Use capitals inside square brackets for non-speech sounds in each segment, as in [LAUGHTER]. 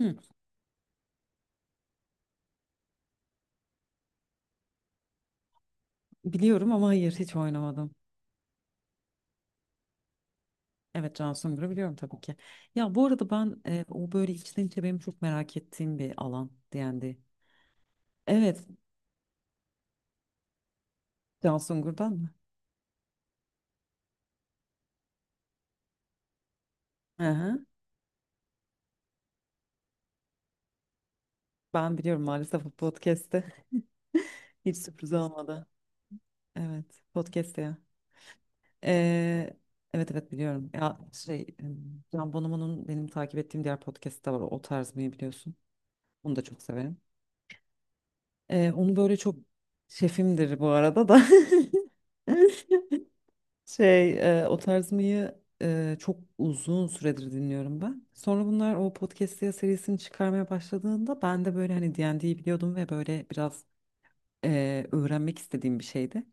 Hı, biliyorum ama hayır hiç oynamadım. Evet Can Sungur'u biliyorum tabii ki. Ya bu arada ben o böyle içten içe benim çok merak ettiğim bir alan D&D. Evet Can Sungur'dan mı? Hı hı. Ben biliyorum maalesef bu podcast'te. [LAUGHS] Hiç sürpriz olmadı. Evet podcast'te ya. Ee, evet evet biliyorum. Ya şey Can Bonomo'nun benim takip ettiğim diğer podcast'te var. O tarz mı biliyorsun. Onu da çok severim. Onu böyle çok şefimdir bu arada da. [LAUGHS] Şey, o tarz mıyı çok uzun süredir dinliyorum ben. Sonra bunlar o podcast diye serisini çıkarmaya başladığında ben de böyle hani D&D'yi biliyordum ve böyle biraz öğrenmek istediğim bir şeydi.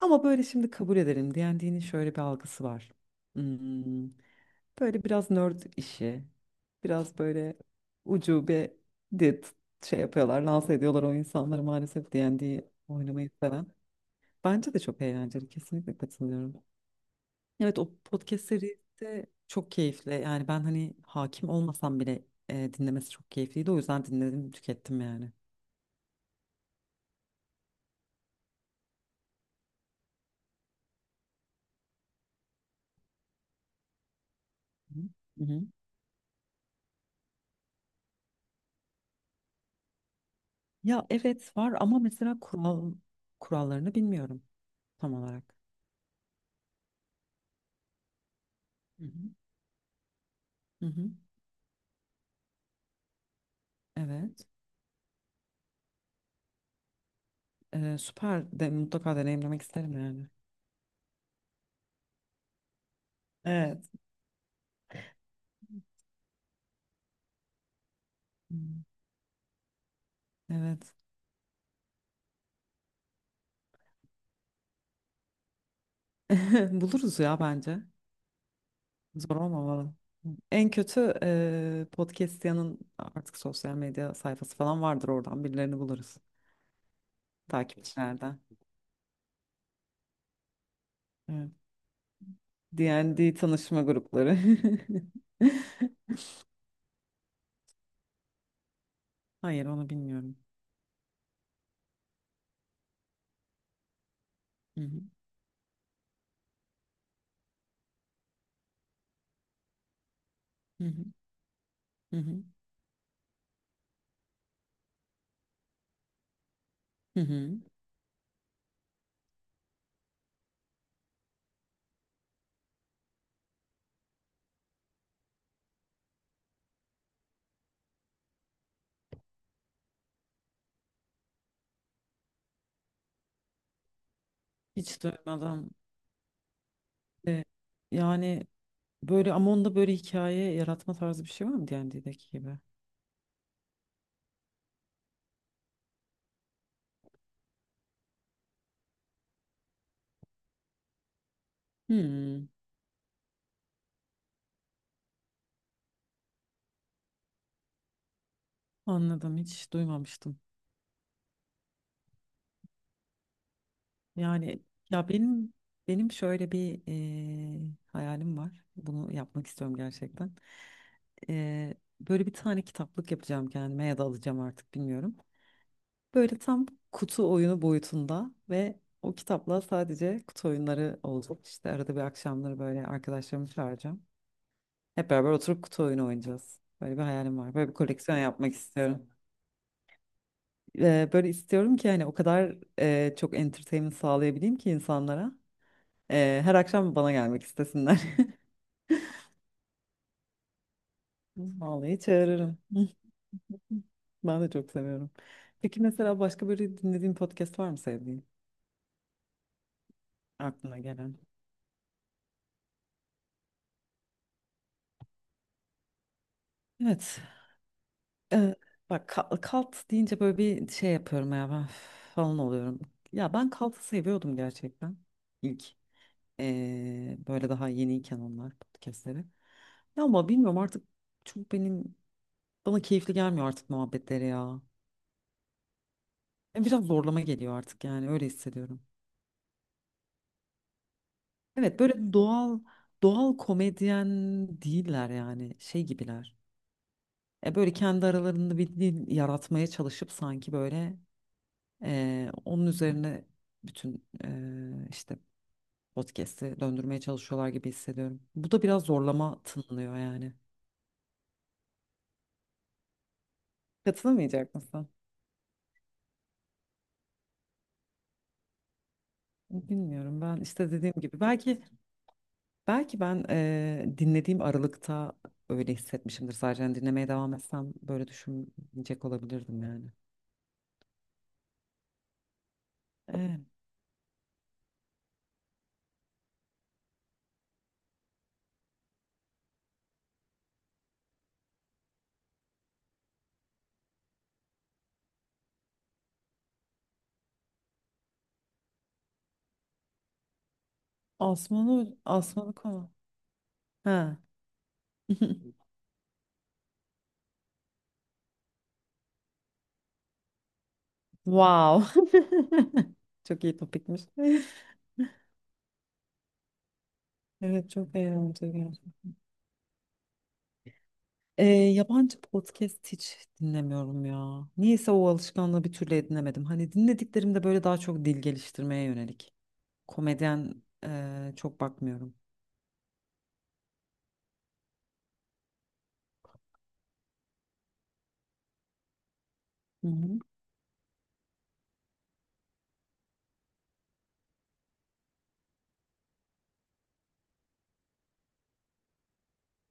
Ama böyle şimdi kabul edelim D&D'nin şöyle bir algısı var. Hmm, böyle biraz nerd işi, biraz böyle ucube dit şey yapıyorlar, lanse ediyorlar o insanları maalesef D&D oynamayı seven. Bence de çok eğlenceli, kesinlikle katılıyorum. Evet o podcast serisi de çok keyifli. Yani ben hani hakim olmasam bile dinlemesi çok keyifliydi. O yüzden dinledim, tükettim yani. Hı hı. Ya evet var ama mesela kurallarını bilmiyorum tam olarak. Hı hı. Hı hı. Evet. Süper de mutlaka deneyimlemek isterim yani. Evet. Hı. Evet. [LAUGHS] Buluruz ya bence. Zor olmamalı. En kötü podcastiyanın artık sosyal medya sayfası falan vardır oradan birilerini buluruz. Takipçilerden. Evet. D&D tanışma grupları. [LAUGHS] Hayır onu bilmiyorum. Hı hı, hı hı, hı hı, hı hı. Hiç duymadan. e, yani böyle ama onda böyle hikaye yaratma tarzı bir şey var mı D&D'deki gibi? Hmm, anladım hiç duymamıştım. Yani ya benim şöyle bir hayalim var. Bunu yapmak istiyorum gerçekten. E, böyle bir tane kitaplık yapacağım kendime ya da alacağım artık bilmiyorum. Böyle tam kutu oyunu boyutunda ve o kitapla sadece kutu oyunları olacak. İşte arada bir akşamları böyle arkadaşlarımı çağıracağım. Hep beraber oturup kutu oyunu oynayacağız. Böyle bir hayalim var. Böyle bir koleksiyon yapmak istiyorum. Böyle istiyorum ki hani o kadar çok entertainment sağlayabileyim ki insanlara. Her akşam bana gelmek istesinler. [LAUGHS] Vallahi çağırırım. [LAUGHS] Ben de çok seviyorum. Peki mesela başka böyle dinlediğin podcast var mı sevdiğin? Aklına gelen. Evet. Ee, bak kalt deyince böyle bir şey yapıyorum ya ben [SIGHS] falan oluyorum. Ya ben kaltı seviyordum gerçekten. İlk böyle daha yeniyken onlar podcastleri. Ya ama bilmiyorum artık çok benim bana keyifli gelmiyor artık muhabbetleri ya. Yani biraz zorlama geliyor artık yani öyle hissediyorum. Evet böyle doğal doğal komedyen değiller yani şey gibiler. Böyle kendi aralarında bir dil yaratmaya çalışıp sanki böyle onun üzerine bütün işte podcast'i döndürmeye çalışıyorlar gibi hissediyorum. Bu da biraz zorlama tınlıyor yani. Katılamayacak mısın? Bilmiyorum ben işte dediğim gibi belki ben dinlediğim aralıkta öyle hissetmişimdir sadece. Yani dinlemeye devam etsem böyle düşünecek olabilirdim yani. Evet. Asmanı Asmanı konu. Ha. [LAUGHS] Wow. [LAUGHS] Çok iyi topikmiş. [LAUGHS] Evet çok eğlenceli. Yabancı podcast hiç dinlemiyorum ya. Niyeyse o alışkanlığı bir türlü edinemedim. Hani dinlediklerim de böyle daha çok dil geliştirmeye yönelik. Komedyen çok bakmıyorum. Hı hı.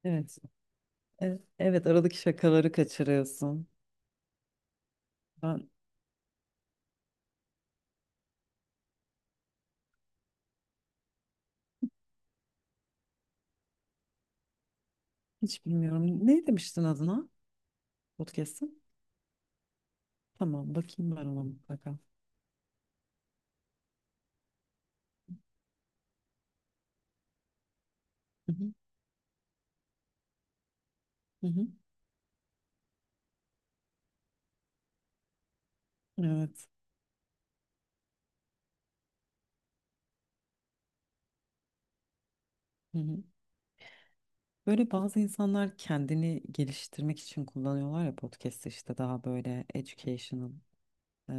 Evet. Evet, evet aradaki şakaları kaçırıyorsun. Ben hiç bilmiyorum. Ne demiştin adına podcast'ın? Tamam bakayım ben ona mutlaka. Hı hı, hı hı. Evet. Hı hı. Böyle bazı insanlar kendini geliştirmek için kullanıyorlar ya podcast'ı işte daha böyle educational. e,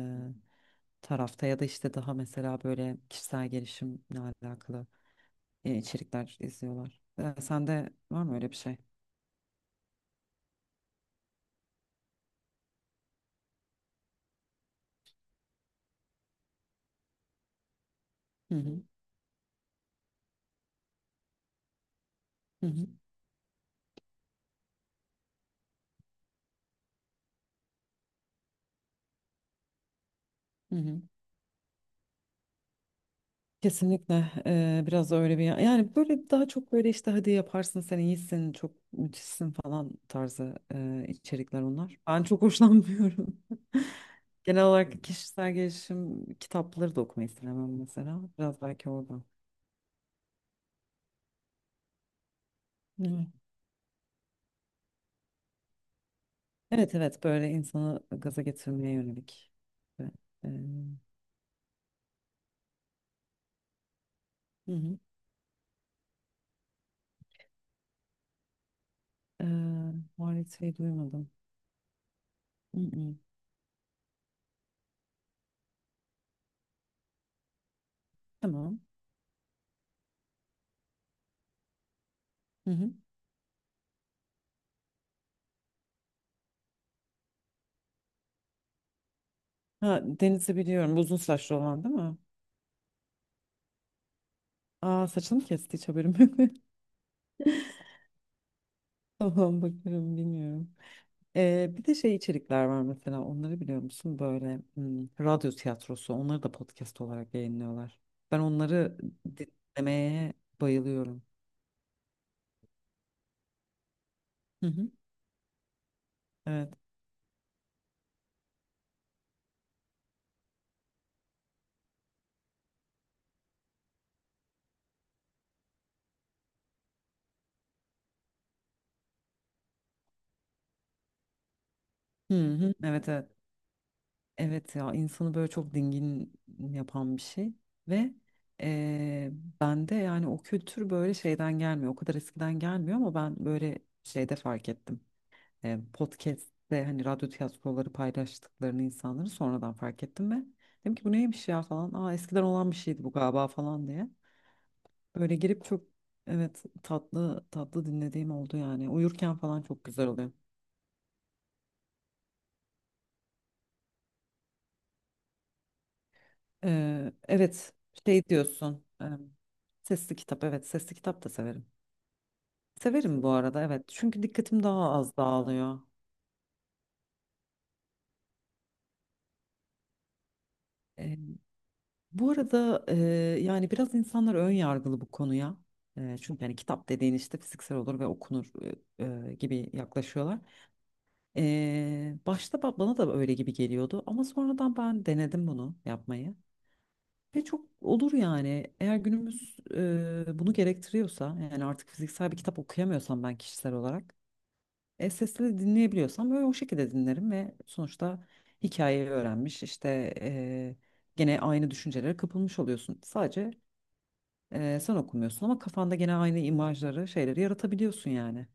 tarafta ya da işte daha mesela böyle kişisel gelişimle alakalı içerikler izliyorlar. Sende var mı öyle bir şey? Hı hı. Hı hı. Hı hı. Kesinlikle biraz da öyle bir yani böyle daha çok böyle işte hadi yaparsın sen iyisin çok müthişsin falan tarzı içerikler onlar. Ben çok hoşlanmıyorum. [LAUGHS] Genel olarak kişisel gelişim kitapları da okumayı sevmem mesela. Biraz belki oradan. Evet. Evet evet böyle insanı gaza getirmeye yönelik. Ve, e, hı hı. E, Muhalefeti duymadım. Hı hı. Tamam. Hı hı. Ha, Deniz'i biliyorum. Uzun saçlı olan değil mi? Aa, saçını kesti hiç haberim yok. [LAUGHS] Tamam bakarım bilmiyorum. Bir de şey içerikler var mesela onları biliyor musun? Böyle radyo tiyatrosu onları da podcast olarak yayınlıyorlar. Ben onları dinlemeye bayılıyorum. Hı hı. Evet. Hı hı. Evet evet. Evet ya insanı böyle çok dingin yapan bir şey ve eee bende yani o kültür böyle şeyden gelmiyor o kadar eskiden gelmiyor ama ben böyle şeyde fark ettim. Podcast'te hani radyo tiyatroları paylaştıklarını insanları sonradan fark ettim ve dedim ki bu neymiş ya falan aa eskiden olan bir şeydi bu galiba falan diye böyle girip çok evet tatlı tatlı dinlediğim oldu yani uyurken falan çok güzel oluyor. Evet şey diyorsun sesli kitap evet sesli kitap da severim. Severim bu arada evet çünkü dikkatim daha az dağılıyor. Ee, bu arada yani biraz insanlar ön yargılı bu konuya. Çünkü yani kitap dediğin işte fiziksel olur ve okunur e, gibi yaklaşıyorlar. Başta bana da öyle gibi geliyordu ama sonradan ben denedim bunu yapmayı. Ve çok olur yani. Eğer günümüz bunu gerektiriyorsa yani artık fiziksel bir kitap okuyamıyorsam ben kişisel olarak sesli dinleyebiliyorsam böyle o şekilde dinlerim ve sonuçta hikayeyi öğrenmiş işte gene aynı düşüncelere kapılmış oluyorsun. Sadece sen okumuyorsun ama kafanda gene aynı imajları şeyleri yaratabiliyorsun yani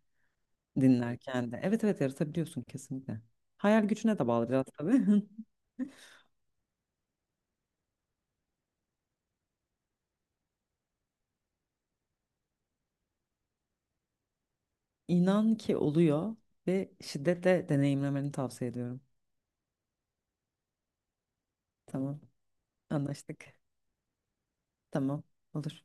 dinlerken de. Evet evet yaratabiliyorsun kesinlikle. Hayal gücüne de bağlı biraz tabii. [LAUGHS] İnan ki oluyor ve şiddetle deneyimlemeni tavsiye ediyorum. Tamam. Anlaştık. Tamam. Olur.